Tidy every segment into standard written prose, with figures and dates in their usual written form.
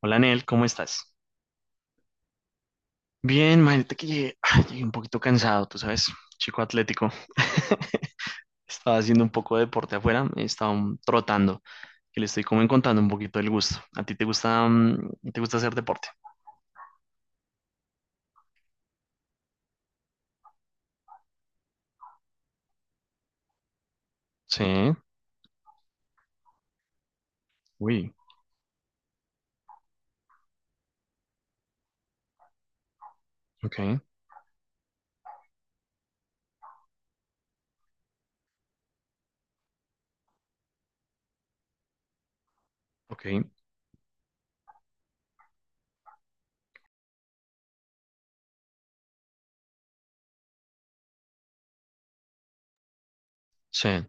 Hola, Nel, ¿cómo estás? Bien, imagínate que llegué, ay, llegué un poquito cansado, tú sabes, chico atlético. Estaba haciendo un poco de deporte afuera, estaba trotando, que le estoy como encontrando un poquito el gusto. ¿A ti te gusta hacer deporte? Sí, uy, ok, ok, sí,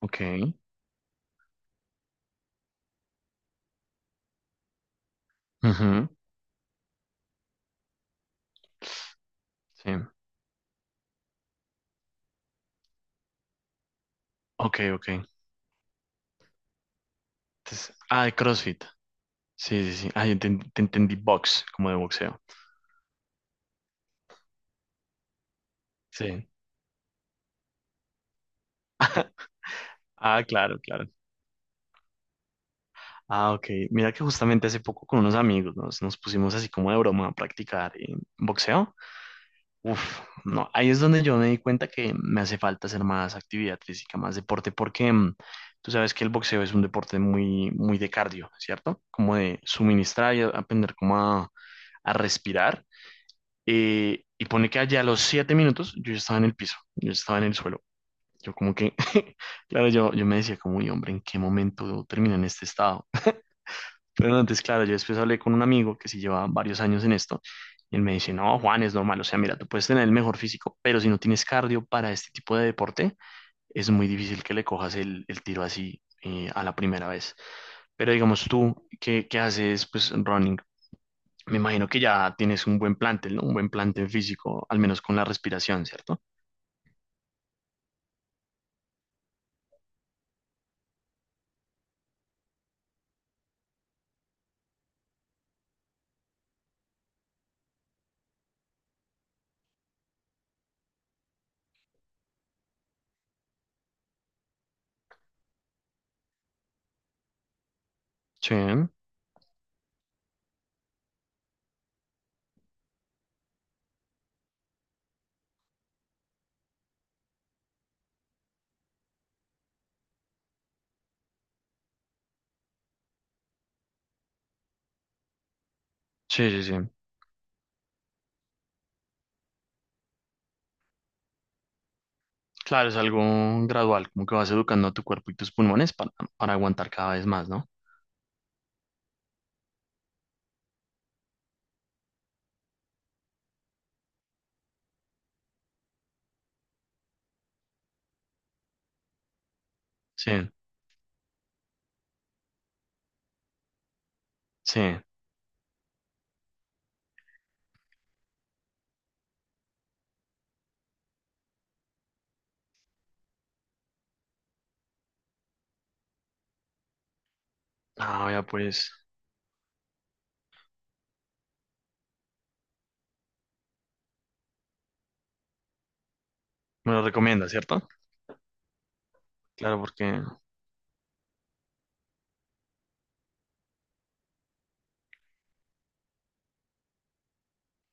ok, ujú, sí, ok, ok. Entonces, ah, de CrossFit. Sí, sí, sí, ah, yo te entendí box, como de boxeo. Sí, ah, claro, claro. Ah, ok. Mira que justamente hace poco con unos amigos nos pusimos así como de broma a practicar boxeo. Uf, no, ahí es donde yo me di cuenta que me hace falta hacer más actividad física, más deporte, porque tú sabes que el boxeo es un deporte muy, muy de cardio, ¿cierto? Como de suministrar y aprender como a respirar. Y pone que allá a los 7 minutos yo ya estaba en el piso, yo ya estaba en el suelo. Yo como que, claro, yo me decía como: "Uy, hombre, ¿en qué momento termina en este estado?". Pero no, entonces, claro, yo después hablé con un amigo que sí lleva varios años en esto, y él me dice: "No, Juan, es normal, o sea, mira, tú puedes tener el mejor físico, pero si no tienes cardio para este tipo de deporte, es muy difícil que le cojas el tiro así a la primera vez". Pero digamos tú, ¿qué haces, pues, running? Me imagino que ya tienes un buen plantel, ¿no? Un buen plantel físico, al menos con la respiración, ¿cierto? Sí, sí, sí, sí. Claro, es algo gradual, como que vas educando a tu cuerpo y tus pulmones para aguantar cada vez más, ¿no? Sí, sí. Ah, ya, pues. Me lo recomienda, ¿cierto? Claro, porque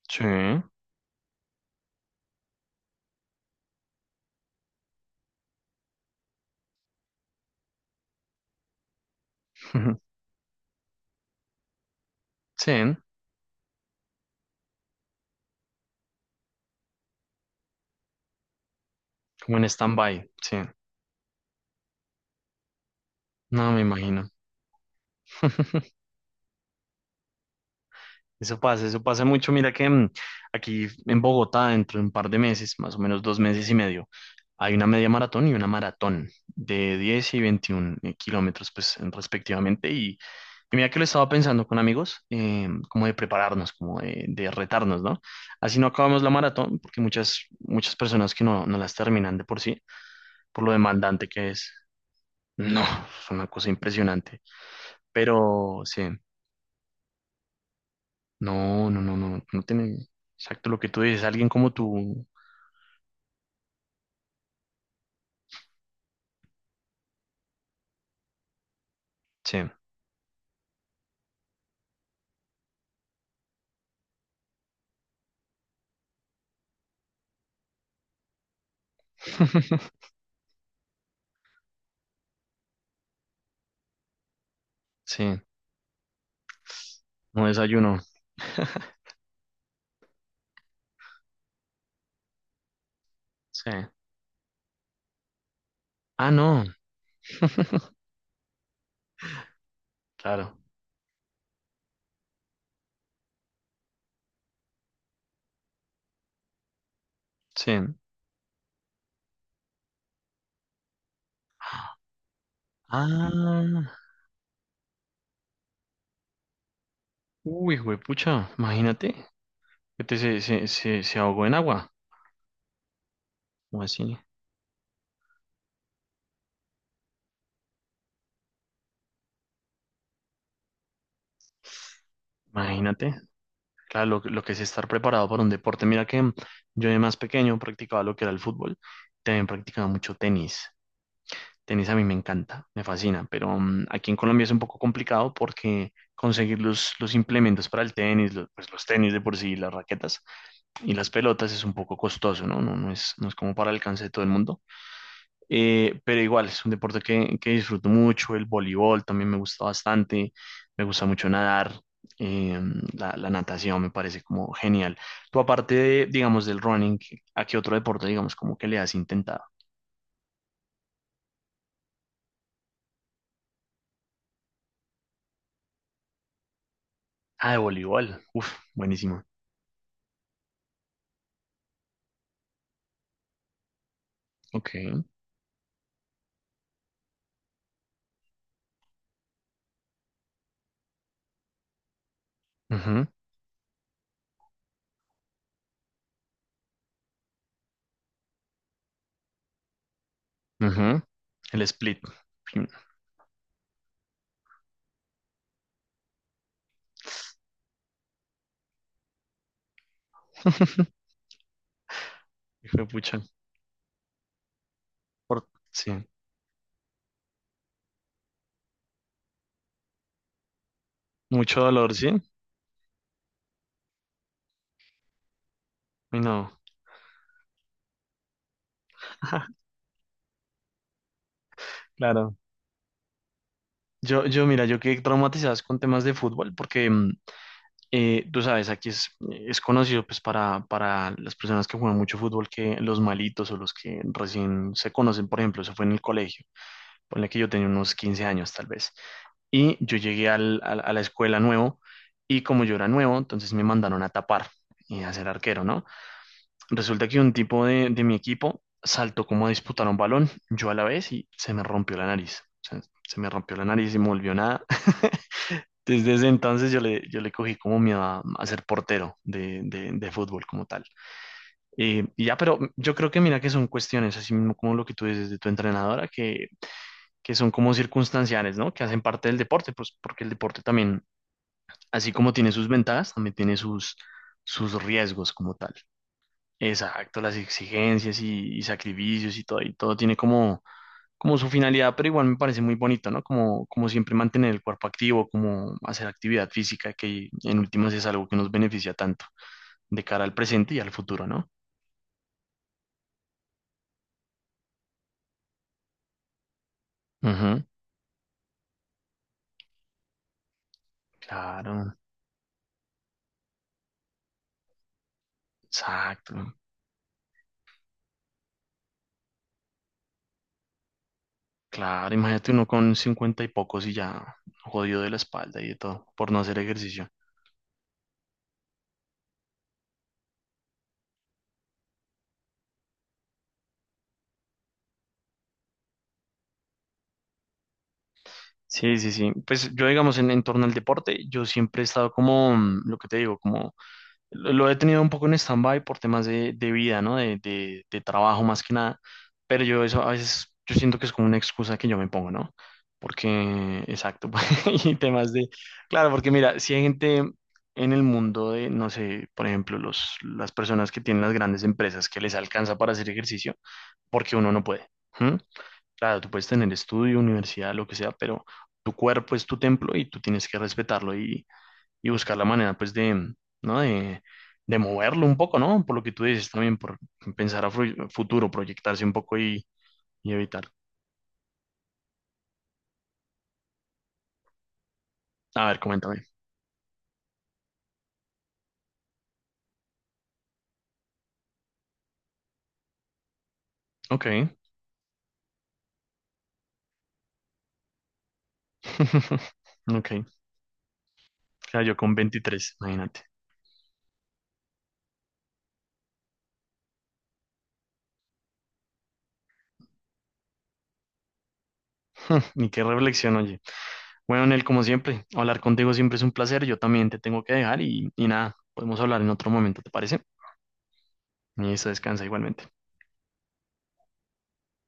sí, sí, como en stand-by, sí. No, me imagino. Eso pasa mucho. Mira que aquí en Bogotá, dentro de un par de meses, más o menos 2 meses y medio, hay una media maratón y una maratón de 10 y 21 kilómetros, pues, respectivamente. Y mira que lo estaba pensando con amigos, como de prepararnos, como de retarnos, ¿no? Así no acabamos la maratón, porque muchas, muchas personas que no, no las terminan de por sí, por lo demandante que es. No, fue una cosa impresionante. Pero sí, no, no, no, no, no tiene exacto lo que tú dices. Alguien como tú, sí, sí, no desayuno, sí. Ah, no, claro, sí. Ah, uy, pucha, imagínate que te, se ahogó en agua, o así, imagínate. Claro, lo que es estar preparado para un deporte. Mira que yo, de más pequeño, practicaba lo que era el fútbol, también practicaba mucho tenis. Tenis a mí me encanta, me fascina, pero aquí en Colombia es un poco complicado porque conseguir los implementos para el tenis, pues los tenis de por sí, las raquetas y las pelotas es un poco costoso, ¿no? No, no es, como para el alcance de todo el mundo. Pero igual, es un deporte que disfruto mucho, el voleibol también me gusta bastante, me gusta mucho nadar, eh, la natación me parece como genial. Tú, aparte de, digamos, del running, ¿a qué otro deporte, digamos, como que le has intentado? Ah, de voleibol, uf, buenísimo. Ok. Ujú, ujú. El split. Hijo de pucha. Sí. Mucho dolor, ¿sí? Uy, no. Claro. Mira, yo quedé traumatizado es con temas de fútbol porque, tú sabes, aquí es conocido, pues, para las personas que juegan mucho fútbol, que los malitos o los que recién se conocen, por ejemplo, eso fue en el colegio. Ponle que yo tenía unos 15 años tal vez. Y yo llegué a la escuela nuevo, y como yo era nuevo, entonces me mandaron a tapar y a ser arquero, ¿no? Resulta que un tipo de mi equipo saltó como a disputar un balón, yo a la vez, y se me rompió la nariz. O sea, se me rompió la nariz y me volvió nada. Desde ese entonces yo le, cogí como miedo a ser portero de fútbol como tal. Y ya, pero yo creo que, mira, que son cuestiones, así mismo como lo que tú dices de tu entrenadora, que son como circunstanciales, ¿no? Que hacen parte del deporte, pues porque el deporte también, así como tiene sus ventajas, también tiene sus riesgos como tal. Exacto, las exigencias y sacrificios y todo tiene como su finalidad, pero igual me parece muy bonito, ¿no? Como siempre mantener el cuerpo activo, como hacer actividad física, que en últimas es algo que nos beneficia tanto de cara al presente y al futuro, ¿no? Ujú, claro, exacto. Claro, imagínate uno con cincuenta y pocos y ya jodido de la espalda y de todo por no hacer ejercicio. Sí, sí, sí. Pues yo, digamos, en torno al deporte, yo siempre he estado como, mm, lo que te digo, como lo he tenido un poco en stand-by por temas de vida, ¿no? De trabajo más que nada. Pero yo, eso, a veces, yo siento que es como una excusa que yo me pongo, ¿no? Porque, exacto, y temas de... Claro, porque mira, si hay gente en el mundo de, no sé, por ejemplo, las personas que tienen las grandes empresas, que les alcanza para hacer ejercicio, porque uno no puede. ¿Mm? Claro, tú puedes tener estudio, universidad, lo que sea, pero tu cuerpo es tu templo y tú tienes que respetarlo y buscar la manera, pues, de, ¿no? De moverlo un poco, ¿no? Por lo que tú dices también, por pensar a futuro, proyectarse un poco, y evitar. A ver, coméntame. Ok. Ok. Claro, yo con 23, imagínate. Ni qué reflexión, oye. Bueno, Nel, como siempre, hablar contigo siempre es un placer. Yo también te tengo que dejar y nada, podemos hablar en otro momento, ¿te parece? Y eso, descansa igualmente.